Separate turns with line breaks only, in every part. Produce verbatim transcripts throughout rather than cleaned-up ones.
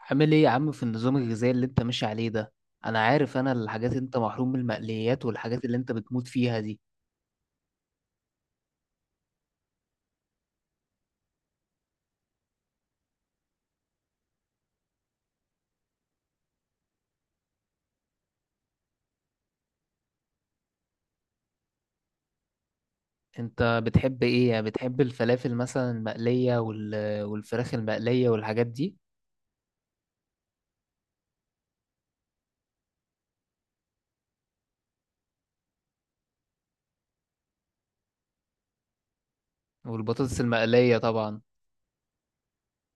عامل ايه يا عم في النظام الغذائي اللي انت ماشي عليه ده؟ انا عارف، انا الحاجات اللي انت محروم من المقليات والحاجات اللي انت بتموت فيها دي. انت بتحب ايه؟ يعني بتحب الفلافل مثلا المقلية وال... والفراخ المقلية والحاجات دي، والبطاطس المقلية طبعا.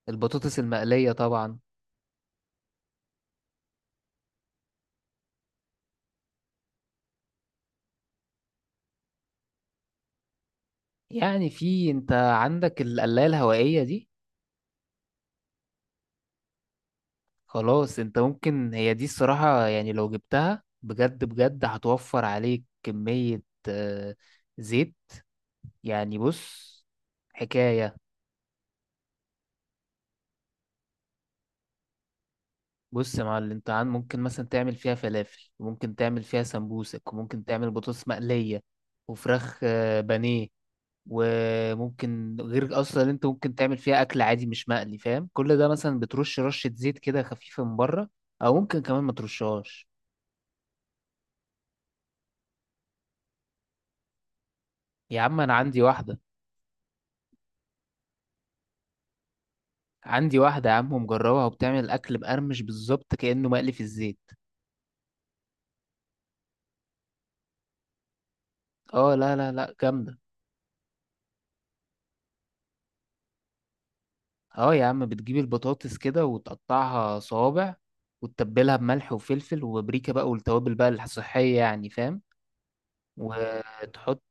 البطاطس المقلية طبعا. يعني في انت عندك القلاية الهوائية دي؟ خلاص، انت ممكن هي دي الصراحة، يعني لو جبتها بجد بجد هتوفر عليك كمية آه، زيت. يعني بص، حكاية، بص يا معلم، انت عن ممكن مثلا تعمل فيها فلافل، وممكن تعمل فيها سمبوسك، وممكن تعمل بطاطس مقلية وفراخ آه، بانيه. وممكن غير اصلا اللي انت ممكن تعمل فيها اكل عادي مش مقلي، فاهم؟ كل ده مثلا بترش رشة زيت كده خفيفة من بره، او ممكن كمان ما ترشهاش. يا عم انا عندي واحدة. عندي واحدة يا عم مجربها، وبتعمل اكل مقرمش بالظبط كأنه مقلي في الزيت. اه لا لا لا، جامدة. اه يا عم، بتجيب البطاطس كده وتقطعها صوابع، وتتبلها بملح وفلفل وبابريكا بقى، والتوابل بقى الصحية يعني، فاهم؟ وتحط،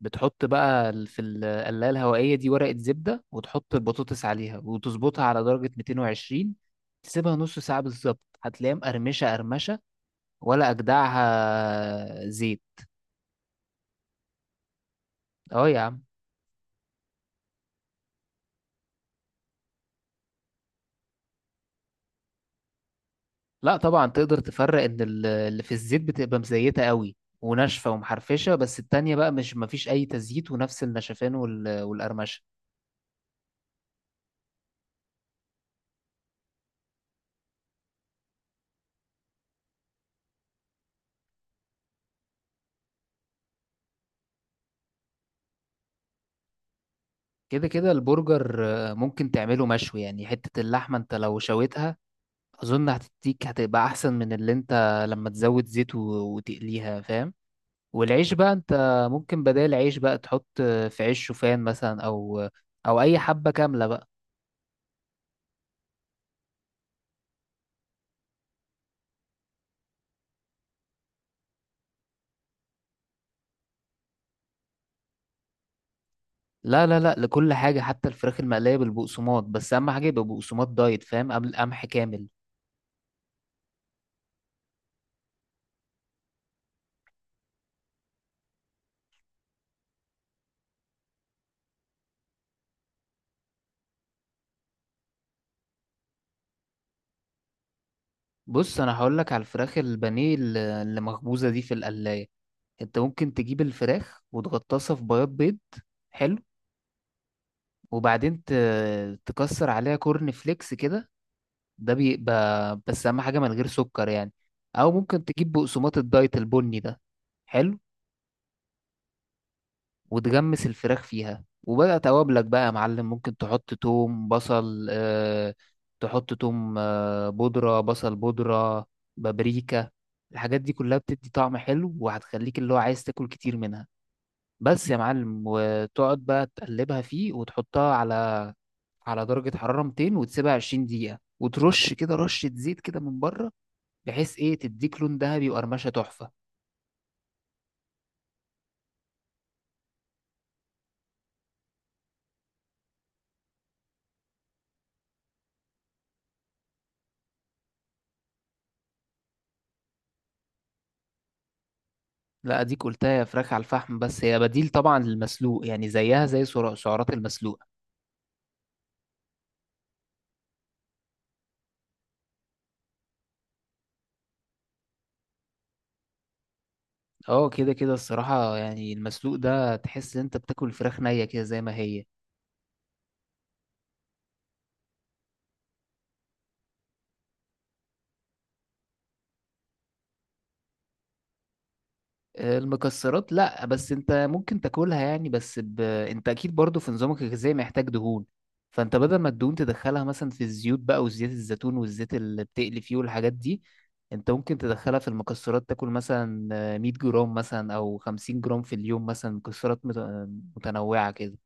بتحط بقى ال- في القلاية الهوائية دي ورقة زبدة، وتحط البطاطس عليها، وتظبطها على درجة مئتين وعشرين. تسيبها نص ساعة بالظبط، هتلاقيها مقرمشة قرمشة، ولا أجدعها زيت. اه يا عم. لا طبعا، تقدر تفرق ان ال- اللي في الزيت بتبقى مزيته قوي وناشفه ومحرفشه، بس التانية بقى مش، مفيش اي تزييت، ونفس النشفان وال- والقرمشه. كده كده البرجر آه، ممكن تعمله مشوي، يعني حته اللحمه انت لو شويتها، اظن هتديك، هتبقى احسن من اللي انت لما تزود زيت و- وتقليها، فاهم؟ والعيش بقى انت ممكن بدال عيش بقى تحط آه، في عيش شوفان مثلا، او او اي حبه كامله بقى. لا لا لا، لكل حاجة، حتى الفراخ المقلية بالبقسماط، بس أهم حاجة يبقى بقسماط دايت، فاهم؟ قبل قمح كامل. بص، أنا هقولك على الفراخ البانيه الل- اللي مخبوزة دي في القلاية. أنت ممكن تجيب الفراخ وتغطسها في بياض بيض، حلو وبعدين ت- تكسر عليها كورن فليكس كده. ده بيبقى، بس أهم حاجة من غير سكر يعني. أو ممكن تجيب بقسماط الدايت البني ده، حلو وتغمس الفراخ فيها، وبقى توابلك بقى يا معلم، ممكن تحط توم بصل آه، تحط توم آه، بودرة، بصل بودرة، بابريكا. الحاجات دي كلها بتدي طعم حلو، وهتخليك اللي هو عايز تاكل كتير منها. بس يا معلم، وتقعد بقى تقلبها فيه، وتحطها على على درجة حرارة مئتين، وتسيبها عشرين دقيقة، وترش كده رشة زيت كده من بره، بحيث ايه، تديك لون ذهبي وقرمشة تحفة. لا اديك قلتها، يا فراخ على الفحم، بس هي بديل طبعا للمسلوق، يعني زيها زي سعر- سعرات المسلوق. اه كده كده، الصراحة يعني المسلوق ده تحس ان انت بتاكل فراخ نية كده زي ما هي. آه، المكسرات لا، بس انت ممكن تاكلها يعني، بس ب... انت اكيد برضو في نظامك الغذائي محتاج دهون. فانت بدل ما الدهون تدخلها مثلا في الزيوت بقى، وزيت الزيتون، والزيت اللي بتقلي فيه، والحاجات دي، انت ممكن تدخلها في المكسرات، تاكل مثلا آه، مية جرام مثلا، او خمسين جرام في اليوم، مثلا مكسرات مت- متنوعة كده.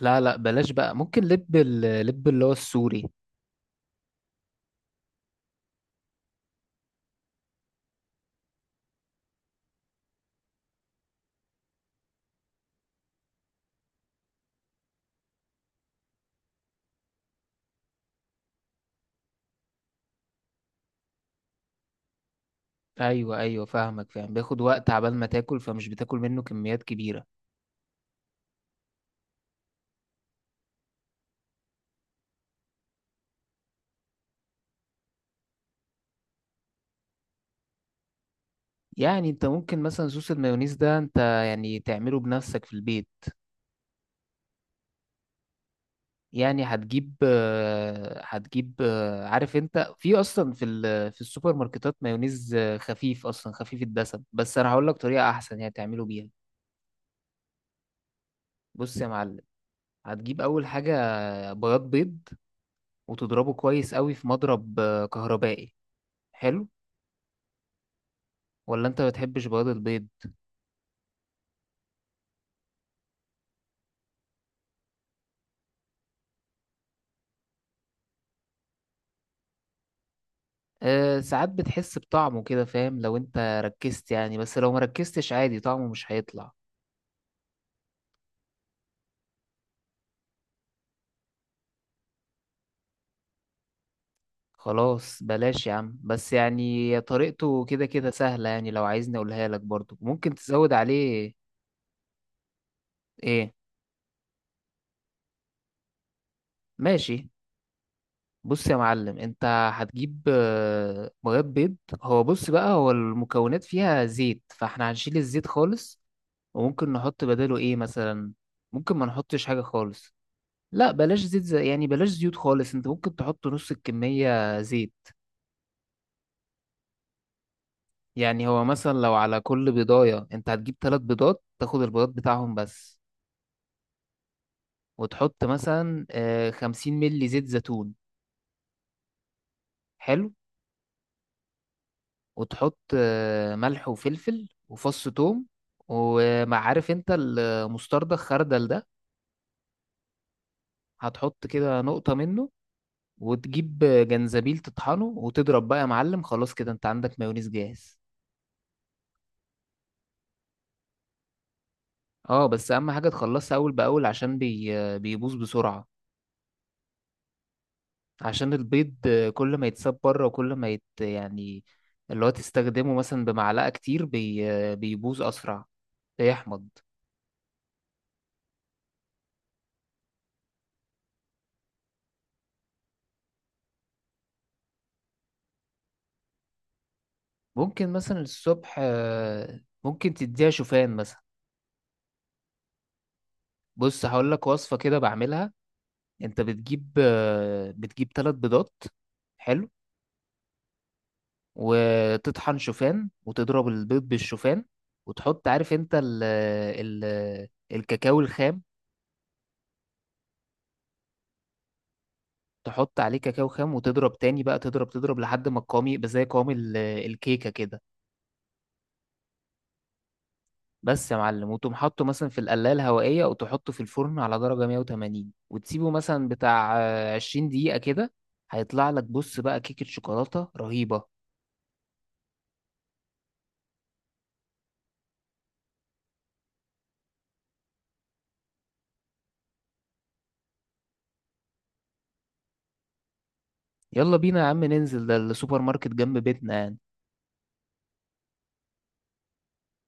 لا لا بلاش بقى، ممكن لب، ال- لب اللي هو السوري. ايوه ايوه، فاهمك، فاهم بياخد وقت عبال ما تاكل، فمش بتاكل منه كميات كبيره. يعني انت ممكن مثلا صوص المايونيز ده انت يعني تعمله بنفسك في البيت. يعني هتجيب آه، هتجيب آه، عارف انت، في اصلا في ال- في السوبر ماركتات مايونيز آه، خفيف، اصلا خفيف الدسم، بس انا هقول لك طريقه احسن يعني تعمله بيها. بص يا معلم، هتجيب اول حاجه بياض بيض، وتضربه كويس قوي في مضرب آه، كهربائي. حلو ولا انت ما بتحبش بياض البيض؟ أه ساعات بتحس بطعمه كده، فاهم؟ لو انت ركزت يعني، بس لو ما ركزتش عادي طعمه مش هيطلع. خلاص بلاش يا عم، بس يعني طريقته كده كده سهلة، يعني لو عايزني اقولها لك، برضو ممكن تزود عليه. ايه؟ ماشي. بص يا معلم، انت هتجيب آه، بياض بيض. هو بص بقى، هو المكونات فيها زيت، فاحنا هنشيل الزيت خالص، وممكن نحط بداله ايه مثلا؟ ممكن ما نحطش حاجة خالص. لا بلاش زيت زي، يعني بلاش زيوت خالص، انت ممكن تحط نص الكمية زيت. يعني هو مثلا لو على كل بيضاية انت هتجيب ثلاث بيضات، تاخد البيضات بتاعهم بس، وتحط مثلا آه، خمسين ملي زيت زيتون. حلو وتحط آه، ملح وفلفل وفص ثوم. وما عارف، انت المستردة، الخردل ده، هتحط كده نقطة منه، وتجيب جنزبيل تطحنه، وتضرب بقى يا معلم، خلاص كده انت عندك مايونيز جاهز. اه، بس اهم حاجة تخلصها اول باول، عشان بي... بيبوظ بسرعة. عشان البيض كل ما يتساب بره، وكل ما يت... يعني اللي هو تستخدمه مثلا بمعلقة كتير بي... بيبوظ اسرع، بيحمض. ممكن مثلا الصبح آه، ممكن تديها شوفان مثلا. بص، هقول لك وصفة كده بعملها. انت بتجيب آه، بتجيب ثلاث بيضات، حلو وتطحن شوفان، وتضرب البيض بالشوفان، وتحط، عارف انت ال... ال... الكاكاو الخام؟ تحط عليه كاكاو خام، وتضرب تاني بقى، تضرب تضرب لحد ما القوام يبقى زي قوام ال- الكيكة كده. بس يا معلم، وتقوم حاطه مثلا في القلاية الهوائية، وتحطه في الفرن على درجة مية وتمانين، وتسيبه مثلا بتاع آه، عشرين دقيقة كده. هيطلع لك، بص بقى، كيكة شوكولاتة رهيبة. يلا بينا يا عم ننزل، ده السوبر ماركت جنب بيتنا يعني.